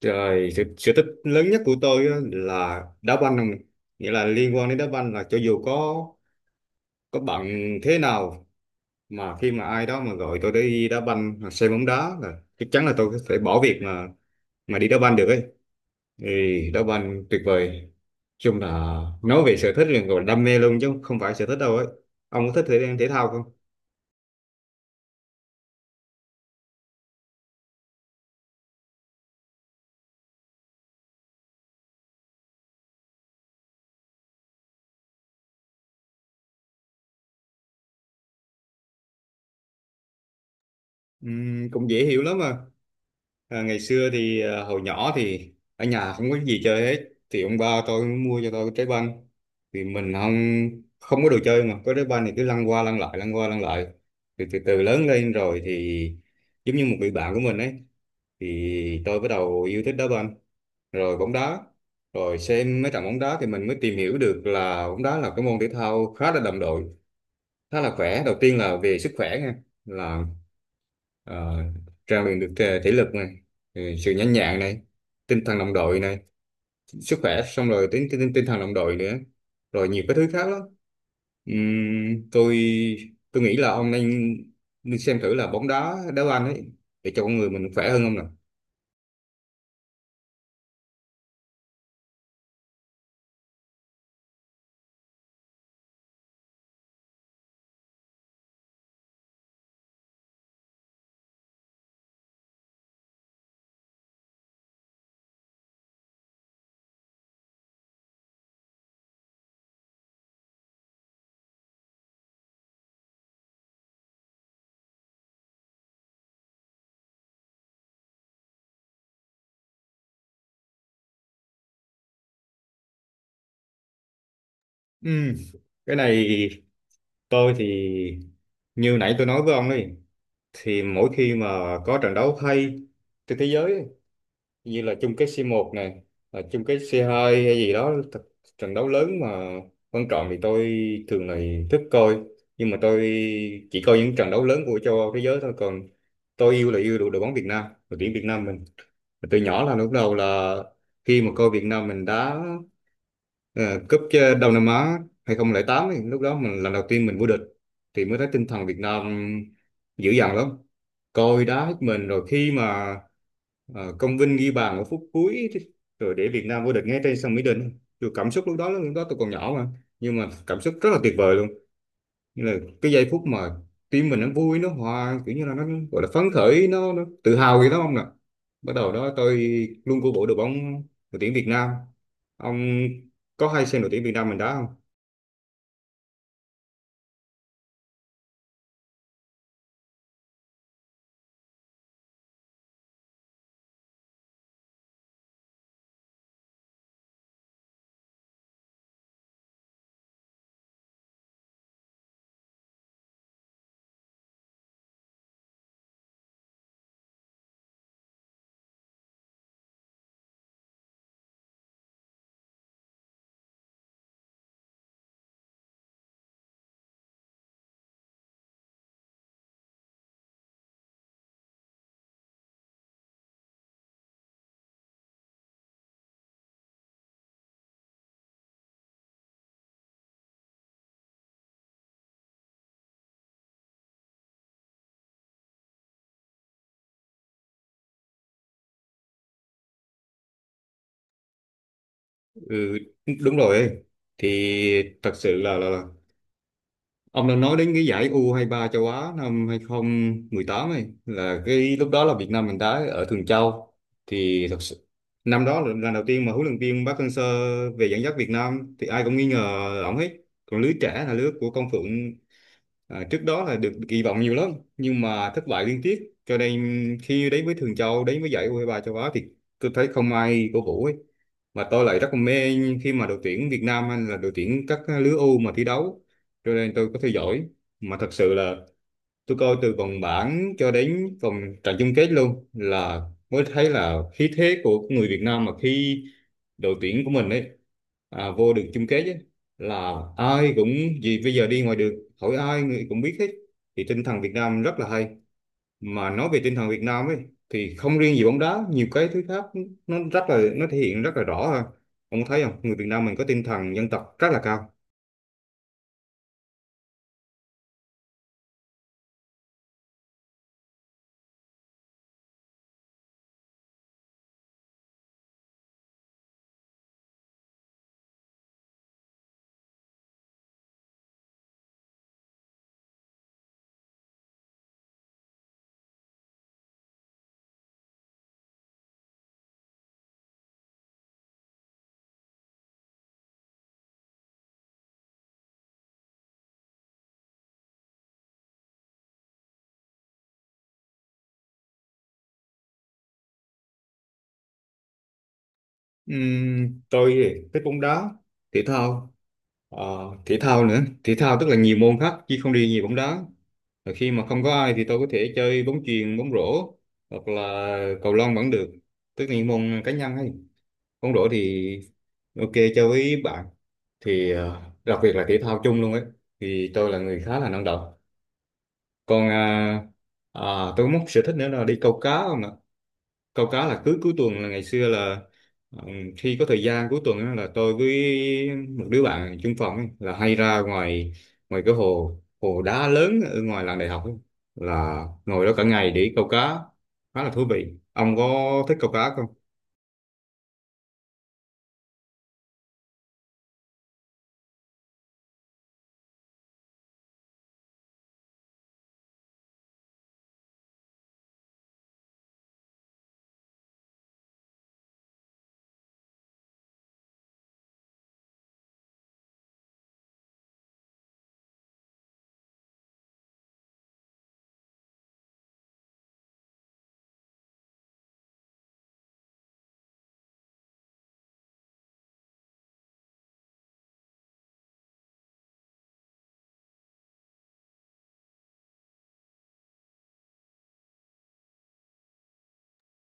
Rồi, sở thích lớn nhất của tôi á là đá banh không? Nghĩa là liên quan đến đá banh là cho dù có bận thế nào, mà khi mà ai đó mà gọi tôi đi đá banh hoặc xem bóng đá là chắc chắn là tôi có thể bỏ việc mà đi đá banh được ấy. Thì đá banh tuyệt vời. Nói chung là nói về sở thích là gọi là đam mê luôn chứ không phải sở thích đâu ấy. Ông có thích thể thể thao không? Cũng dễ hiểu lắm mà. À, ngày xưa thì hồi nhỏ thì ở nhà không có gì chơi hết, thì ông ba tôi mua cho tôi cái trái banh, thì mình không không có đồ chơi mà có trái banh thì cứ lăn qua lăn lại, lăn qua lăn lại. Thì từ từ lớn lên rồi thì giống như một người bạn của mình ấy, thì tôi bắt đầu yêu thích đá banh, rồi bóng đá, rồi xem mấy trận bóng đá thì mình mới tìm hiểu được là bóng đá là cái môn thể thao khá là đồng đội, khá là khỏe. Đầu tiên là về sức khỏe nha, là Ờ, rèn luyện được thể lực này, sự nhanh nhẹn này, tinh thần đồng đội này. Sức khỏe, xong rồi tinh thần đồng đội nữa, rồi nhiều cái thứ khác lắm. Ừm, tôi tôi nghĩ là ông nên nên xem thử là bóng đá, đá banh ấy, để cho con người mình khỏe hơn, không nào? Ừm, cái này, tôi thì như nãy tôi nói với ông ấy, thì mỗi khi mà có trận đấu hay trên thế giới ấy, như là chung kết C1 này, là chung kết C2 hay gì đó trận đấu lớn mà quan trọng thì tôi thường là thích coi, nhưng mà tôi chỉ coi những trận đấu lớn của châu Âu, thế giới thôi. Còn tôi yêu là yêu đội đội bóng Việt Nam, đội tuyển Việt Nam mình. Mà từ nhỏ là lúc đầu là khi mà coi Việt Nam mình đá Ờ, cúp Đông Nam Á 2008 ấy, lúc đó mình lần đầu tiên mình vô địch, thì mới thấy tinh thần Việt Nam dữ dằn lắm, coi đá hết mình. Rồi khi mà Công Vinh ghi bàn ở phút cuối rồi để Việt Nam vô địch ngay trên sân Mỹ Đình, tôi cảm xúc lúc đó tôi còn nhỏ mà, nhưng mà cảm xúc rất là tuyệt vời luôn. Như là cái giây phút mà tim mình nó vui, nó hòa, kiểu như là nó gọi là phấn khởi, nó tự hào gì đó ông nè. Bắt đầu đó tôi luôn cổ vũ đội bóng, đội tuyển Việt Nam. Ông có hay xem đội tuyển Việt Nam mình đá không? Ừ, đúng rồi. Thì thật sự là ông đang nói đến cái giải U23 châu Á năm 2018 ấy, là cái lúc đó là Việt Nam mình đá ở Thường Châu. Thì thật sự, năm đó là lần đầu tiên mà huấn luyện viên Park Hang-seo về dẫn dắt Việt Nam thì ai cũng nghi ngờ ổng hết. Còn lứa trẻ là lứa của Công Phượng, à, trước đó là được kỳ vọng nhiều lắm nhưng mà thất bại liên tiếp, cho nên khi đến với Thường Châu, đến với giải U23 châu Á thì tôi thấy không ai cổ vũ ấy, mà tôi lại rất là mê khi mà đội tuyển Việt Nam hay là đội tuyển các lứa U mà thi đấu, cho nên tôi có theo dõi. Mà thật sự là tôi coi từ vòng bảng cho đến vòng trận chung kết luôn, là mới thấy là khí thế của người Việt Nam mà khi đội tuyển của mình ấy vô được chung kết ấy, là ai cũng, gì bây giờ đi ngoài đường hỏi ai người cũng biết hết. Thì tinh thần Việt Nam rất là hay. Mà nói về tinh thần Việt Nam ấy, thì không riêng gì bóng đá, nhiều cái thứ khác nó thể hiện rất là rõ ha. Ông thấy không, người Việt Nam mình có tinh thần dân tộc rất là cao. Tôi thì thích bóng đá, thể thao. Ờ, Thể thao nữa, thể thao tức là nhiều môn khác chứ không đi nhiều bóng đá, và khi mà không có ai thì tôi có thể chơi bóng chuyền, bóng rổ, hoặc là cầu lông vẫn được. Tức là những môn cá nhân, hay bóng rổ thì ok chơi với bạn, thì đặc biệt là thể thao chung luôn ấy, thì tôi là người khá là năng động. Còn à, tôi có một sở thích nữa là đi câu cá. Câu cá là cứ cuối tuần, là ngày xưa là, ừ, khi có thời gian cuối tuần á, là tôi với một đứa bạn chung phòng ấy, là hay ra ngoài ngoài cái hồ hồ đá lớn ở ngoài làng đại học ấy, là ngồi đó cả ngày để câu cá, khá là thú vị. Ông có thích câu cá không?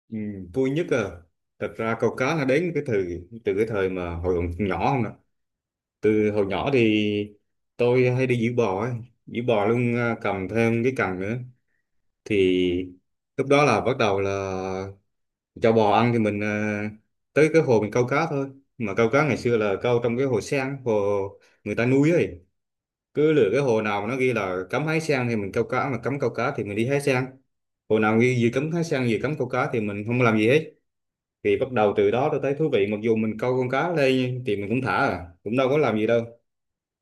Ừ, vui nhất à. Thật ra câu cá nó đến cái thời từ cái thời mà hồi còn nhỏ, không ạ? Từ hồi nhỏ thì tôi hay đi giữ bò ấy, giữ bò luôn à, cầm thêm cái cần nữa, thì lúc đó là bắt đầu là cho bò ăn thì mình tới cái hồ mình câu cá thôi. Mà câu cá ngày xưa là câu trong cái hồ sen, hồ người ta nuôi ấy. Cứ lựa cái hồ nào mà nó ghi là cấm hái sen thì mình câu cá, mà cấm câu cá thì mình đi hái sen. Hồ nào ghi gì cấm hái sen, gì cấm câu cá thì mình không làm gì hết. Thì bắt đầu từ đó tôi thấy thú vị, mặc dù mình câu con cá lên thì mình cũng thả à, cũng đâu có làm gì đâu,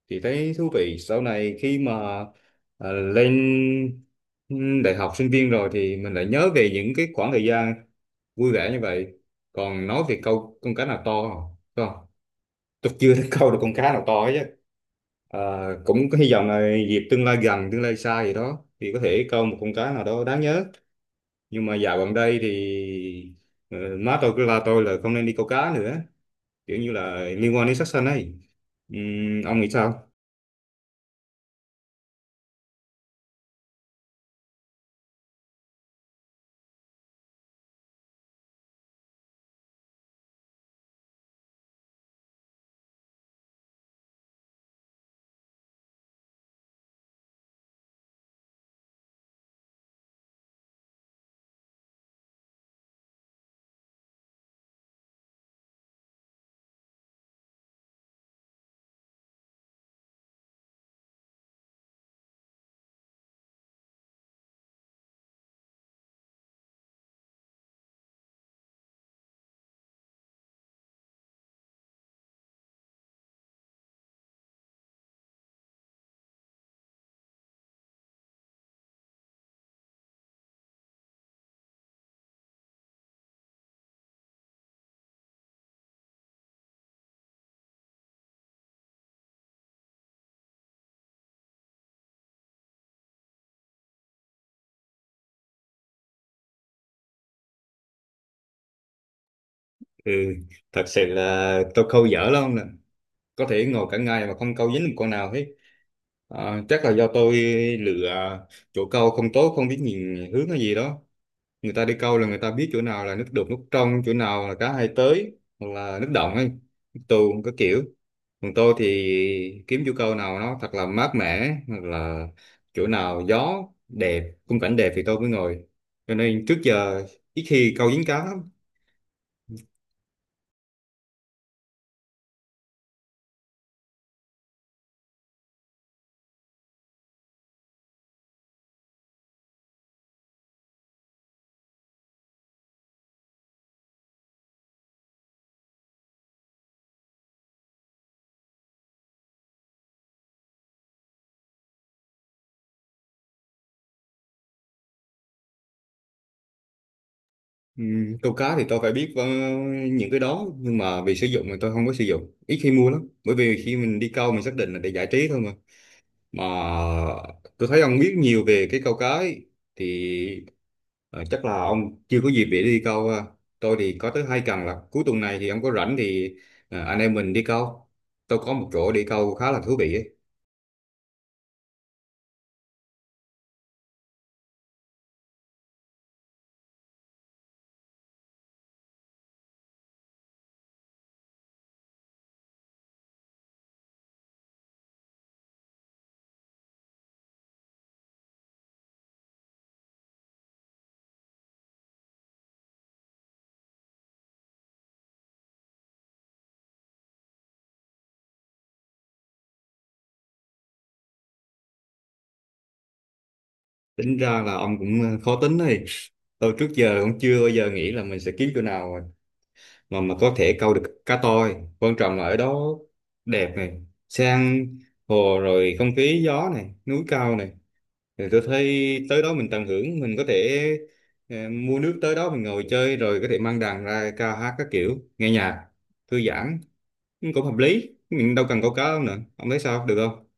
thì thấy thú vị. Sau này khi mà lên đại học, sinh viên rồi, thì mình lại nhớ về những cái khoảng thời gian vui vẻ như vậy. Còn nói về câu con cá nào to không, đúng không? Tôi chưa thấy câu được con cá nào to hết chứ. À, cũng có hy vọng là dịp tương lai gần, tương lai xa gì đó thì có thể câu một con cá nào đó đáng nhớ. Nhưng mà dạo gần đây thì ờ, má tôi cứ la tôi là không nên đi câu cá nữa, kiểu như là liên quan đến sát sanh ấy. Ông nghĩ sao? Ừ, thật sự là tôi câu dở lắm nè. Có thể ngồi cả ngày mà không câu dính một con nào hết. À, chắc là do tôi lựa chỗ câu không tốt, không biết nhìn hướng hay gì đó. Người ta đi câu là người ta biết chỗ nào là nước đục, nước trong, chỗ nào là cá hay tới, hoặc là nước động ấy, nước tù, có kiểu. Còn tôi thì kiếm chỗ câu nào nó thật là mát mẻ, hoặc là chỗ nào gió đẹp, khung cảnh đẹp thì tôi mới ngồi. Cho nên trước giờ ít khi câu dính cá lắm. Ừ, câu cá thì tôi phải biết những cái đó, nhưng mà vì sử dụng thì tôi không có sử dụng, ít khi mua lắm, bởi vì khi mình đi câu mình xác định là để giải trí thôi mà. Mà tôi thấy ông biết nhiều về cái câu cá ấy, thì chắc là ông chưa có dịp để đi câu ha. Tôi thì có tới hai cần, là cuối tuần này thì ông có rảnh thì anh em mình đi câu, tôi có một chỗ đi câu khá là thú vị ấy. Tính ra là ông cũng khó tính này. Tôi trước giờ cũng chưa bao giờ nghĩ là mình sẽ kiếm chỗ nào mà có thể câu được cá, toi quan trọng là ở đó đẹp này, sang hồ rồi không khí gió này, núi cao này. Thì tôi thấy tới đó mình tận hưởng, mình có thể mua nước tới đó mình ngồi chơi, rồi có thể mang đàn ra ca hát các kiểu, nghe nhạc thư giãn cũng hợp lý, mình đâu cần câu cá đâu nữa. Ông thấy sao, được không?